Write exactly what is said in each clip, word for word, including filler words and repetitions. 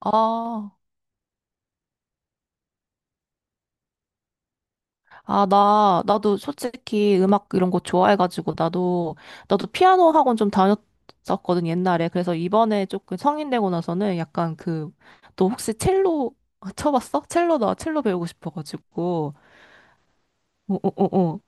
아, 아, 나, 나도 솔직히 음악 이런 거 좋아해가지고, 나도, 나도 피아노 학원 좀 다녔었거든, 옛날에. 그래서 이번에 조금 성인 되고 나서는 약간 그, 너 혹시 첼로 쳐봤어? 첼로, 나 첼로 배우고 싶어가지고. 어, 어, 어, 어.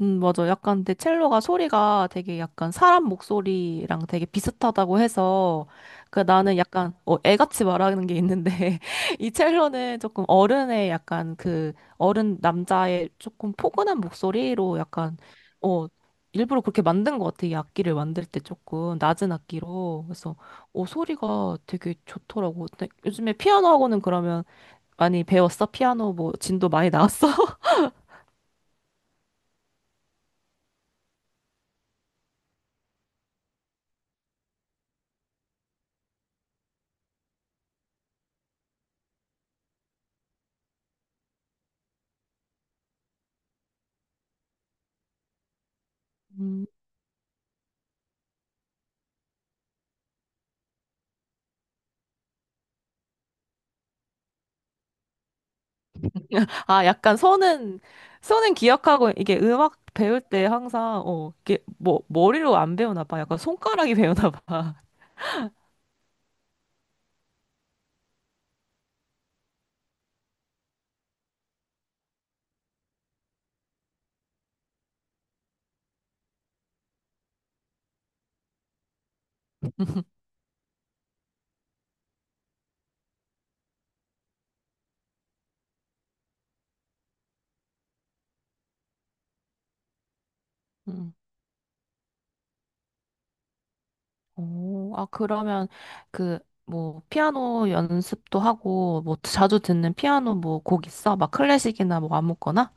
음, 맞아. 약간 근데 첼로가 소리가 되게 약간 사람 목소리랑 되게 비슷하다고 해서 그 나는 약간 어, 애같이 말하는 게 있는데 이 첼로는 조금 어른의 약간 그 어른 남자의 조금 포근한 목소리로 약간 어 일부러 그렇게 만든 것 같아. 이 악기를 만들 때 조금 낮은 악기로. 그래서 어 소리가 되게 좋더라고. 근데 요즘에 피아노 하고는 그러면 많이 배웠어? 피아노 뭐 진도 많이 나왔어? 음. 아, 약간 손은, 손은 기억하고, 이게 음악 배울 때 항상, 어, 이게 뭐, 머리로 안 배우나 봐. 약간 손가락이 배우나 봐. 음. 오, 아, 그러면 그, 뭐, 피아노 연습도 하고, 뭐, 자주 듣는 피아노 뭐 곡 있어? 막 클래식이나 뭐 아무거나?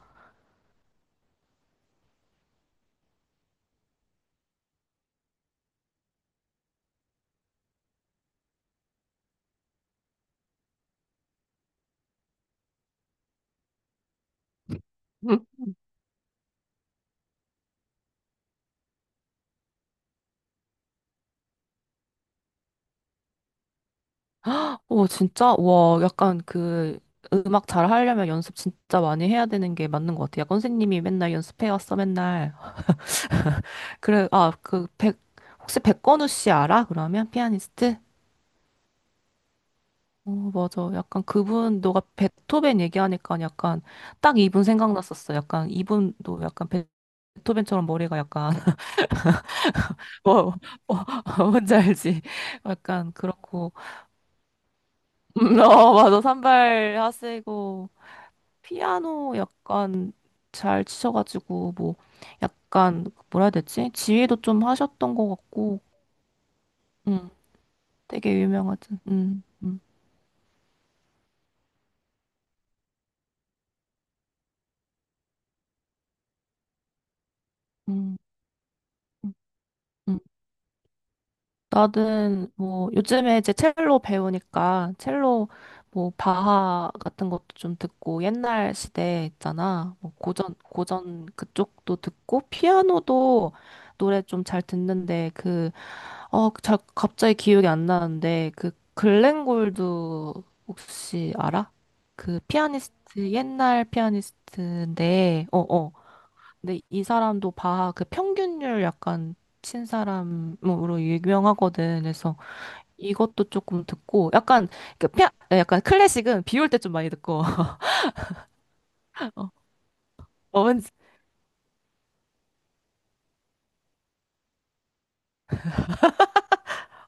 음. 오, 진짜? 와, 약간 그, 음악 잘 하려면 연습 진짜 많이 해야 되는 게 맞는 것 같아. 약간 선생님이 맨날 연습해 왔어, 맨날. 그래, 아, 그, 백, 혹시 백건우 씨 알아? 그러면? 피아니스트? 어, 맞아. 약간 그분, 너가 베토벤 얘기하니까 약간 딱 이분 생각났었어. 약간 이분도 약간 베토벤처럼 머리가 약간, 뭐, 뭐, 뭔지 알지? 약간 그렇고. 음, 어, 맞아. 산발 하시고, 피아노 약간 잘 치셔가지고, 뭐, 약간, 뭐라 해야 되지? 지휘도 좀 하셨던 것 같고, 음, 되게 유명하죠. 음, 음, 음, 음. 음. 나는 뭐 요즘에 이제 첼로 배우니까 첼로 뭐 바하 같은 것도 좀 듣고 옛날 시대 있잖아. 뭐 고전 고전 그쪽도 듣고 피아노도 노래 좀 잘 듣는데 그어잘 갑자기 기억이 안 나는데 그 글렌 골드 혹시 알아? 그 피아니스트 옛날 피아니스트인데 어어 근데 이 사람도 바하 그 평균율 약간 친 사람으로 유명하거든. 그래서 이것도 조금 듣고 약간 그 피 약간 클래식은 비올 때 좀 많이 듣고 어, 어, 왠지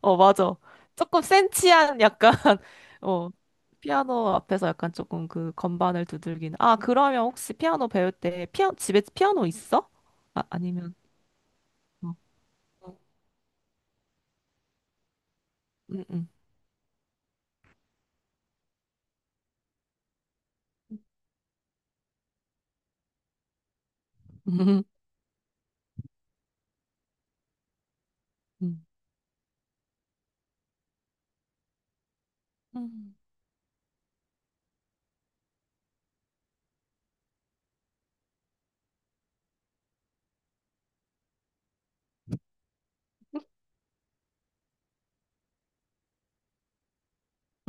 어 맞아 조금 센치한 약간 어 피아노 앞에서 약간 조금 그 건반을 두들기는 아 그러면 혹시 피아노 배울 때 피아 집에 피아노 있어? 아 아니면 어 응응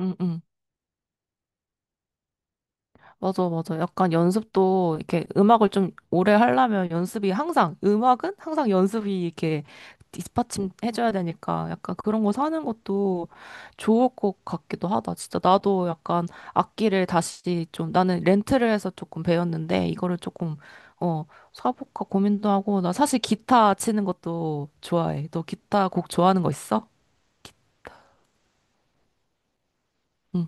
응응 맞아, 맞아. 약간 연습도 이렇게 음악을 좀 오래 하려면 연습이 항상, 음악은 항상 연습이 이렇게 뒷받침해줘야 되니까 약간 그런 거 사는 것도 좋을 것 같기도 하다. 진짜 나도 약간 악기를 다시 좀 나는 렌트를 해서 조금 배웠는데 이거를 조금, 어, 사볼까 고민도 하고 나 사실 기타 치는 것도 좋아해. 너 기타 곡 좋아하는 거 있어? 기- 응.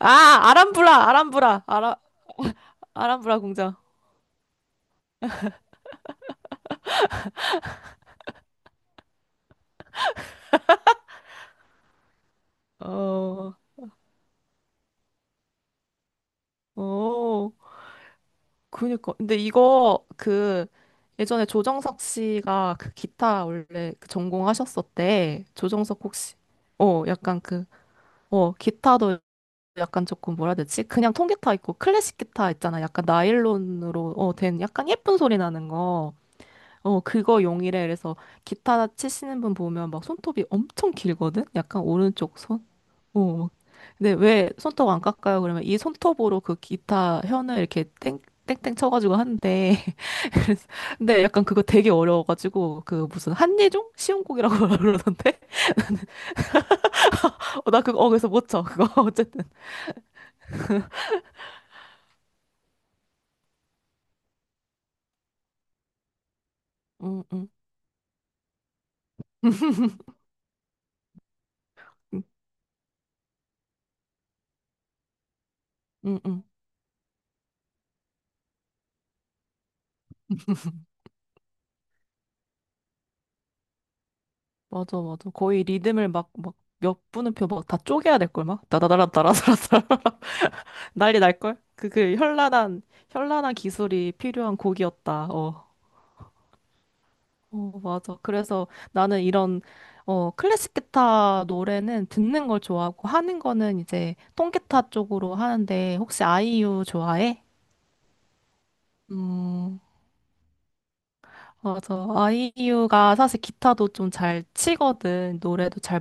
아, 아람브라, 아람브라, 아라, 아람브라 공장. 어, 어. 그니까. 근데 이거 그 예전에 조정석 씨가 그 기타 원래 그 전공하셨었대. 조정석 혹시 어 약간 그 어 기타도 약간 조금 뭐라 해야 되지? 그냥 통기타 있고 클래식 기타 있잖아. 약간 나일론으로 어된 약간 예쁜 소리 나는 거. 어 그거 용이래. 그래서 기타 치시는 분 보면 막 손톱이 엄청 길거든. 약간 오른쪽 손 어, 근데 왜 손톱 안 깎아요? 그러면 이 손톱으로 그 기타 현을 이렇게 땡, 땡땡 쳐가지고 하는데. 그래서, 근데 약간 그거 되게 어려워가지고, 그 무슨 한예종? 시험곡이라고 그러던데? 어, 나 그거, 어, 그래서 못 쳐, 그거. 어쨌든. 응, 응. 응, 응, 응. 맞아, 맞아. 거의 리듬을 막, 막, 몇 분음표 막 다 쪼개야 될걸, 막. 따다다라, 따라다라따라 난리 날걸? 그, 그, 현란한, 현란한 기술이 필요한 곡이었다. 어. 어, 맞아. 그래서 나는 이런, 어, 클래식 기타 노래는 듣는 걸 좋아하고 하는 거는 이제 통기타 쪽으로 하는데 혹시 아이유 좋아해? 음, 맞아. 아이유가 사실 기타도 좀 잘 치거든. 노래도 잘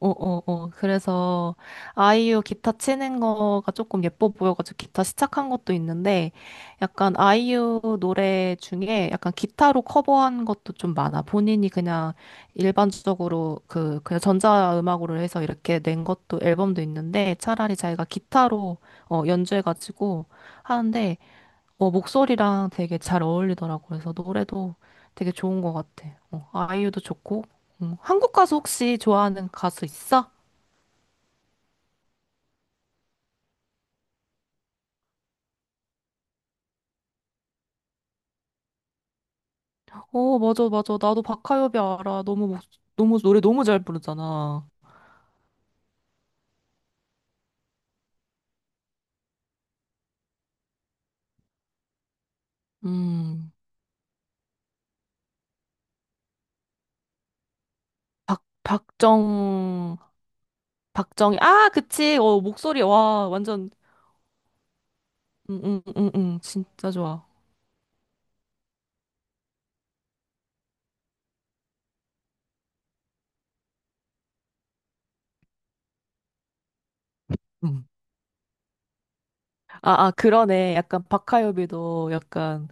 어, 어, 어. 그래서 아이유 기타 치는 거가 조금 예뻐 보여가지고 기타 시작한 것도 있는데 약간 아이유 노래 중에 약간 기타로 커버한 것도 좀 많아. 본인이 그냥 일반적으로 그 그냥 전자음악으로 해서 이렇게 낸 것도 앨범도 있는데 차라리 자기가 기타로 어, 연주해가지고 하는데 어, 목소리랑 되게 잘 어울리더라고. 그래서 노래도 되게 좋은 것 같아. 어, 아이유도 좋고. 음. 한국 가수 혹시 좋아하는 가수 있어? 어, 맞아, 맞아. 나도 박하엽이 알아. 너무, 목, 너무, 노래 너무 잘 부르잖아. 음, 박, 박정, 박정희. 아, 그치. 어, 목소리, 와, 완전, 응, 응, 응, 응. 진짜 좋아. 음. 아, 아, 그러네. 약간 박하엽이도 약간,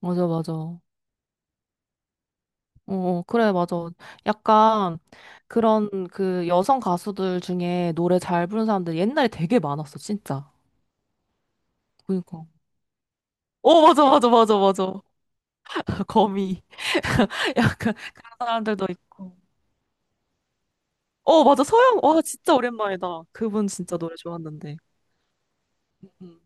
맞아, 맞아. 어, 그래, 맞아. 약간 그런 그 여성 가수들 중에 노래 잘 부르는 사람들 옛날에 되게 많았어, 진짜. 그니까. 어, 맞아, 맞아, 맞아, 맞아. 거미. 약간 그런 사람들도 있고. 어, 맞아. 서영, 와, 진짜 오랜만이다. 그분 진짜 노래 좋았는데. 응,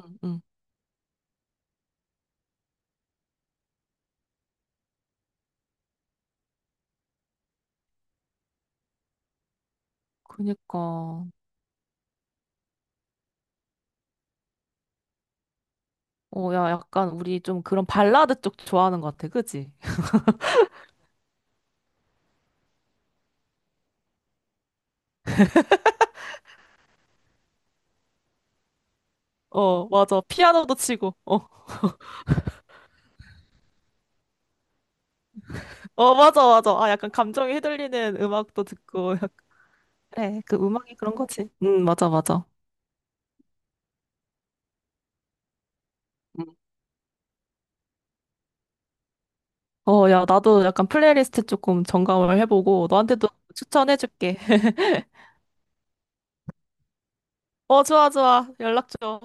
응, 응. 그니까. 어, 야, 약간 우리 좀 그런 발라드 쪽 좋아하는 것 같아, 그지? 어, 맞아. 피아노도 치고. 어, 어, 맞아, 맞아. 아, 약간 감정이 휘둘리는 음악도 듣고. 그래, 그 음악이 그런 거지. 응, 맞아, 맞아. 음. 어, 야, 나도 약간 플레이리스트 조금 점검을 해보고 너한테도 추천해줄게. 어, 좋아, 좋아. 연락 줘.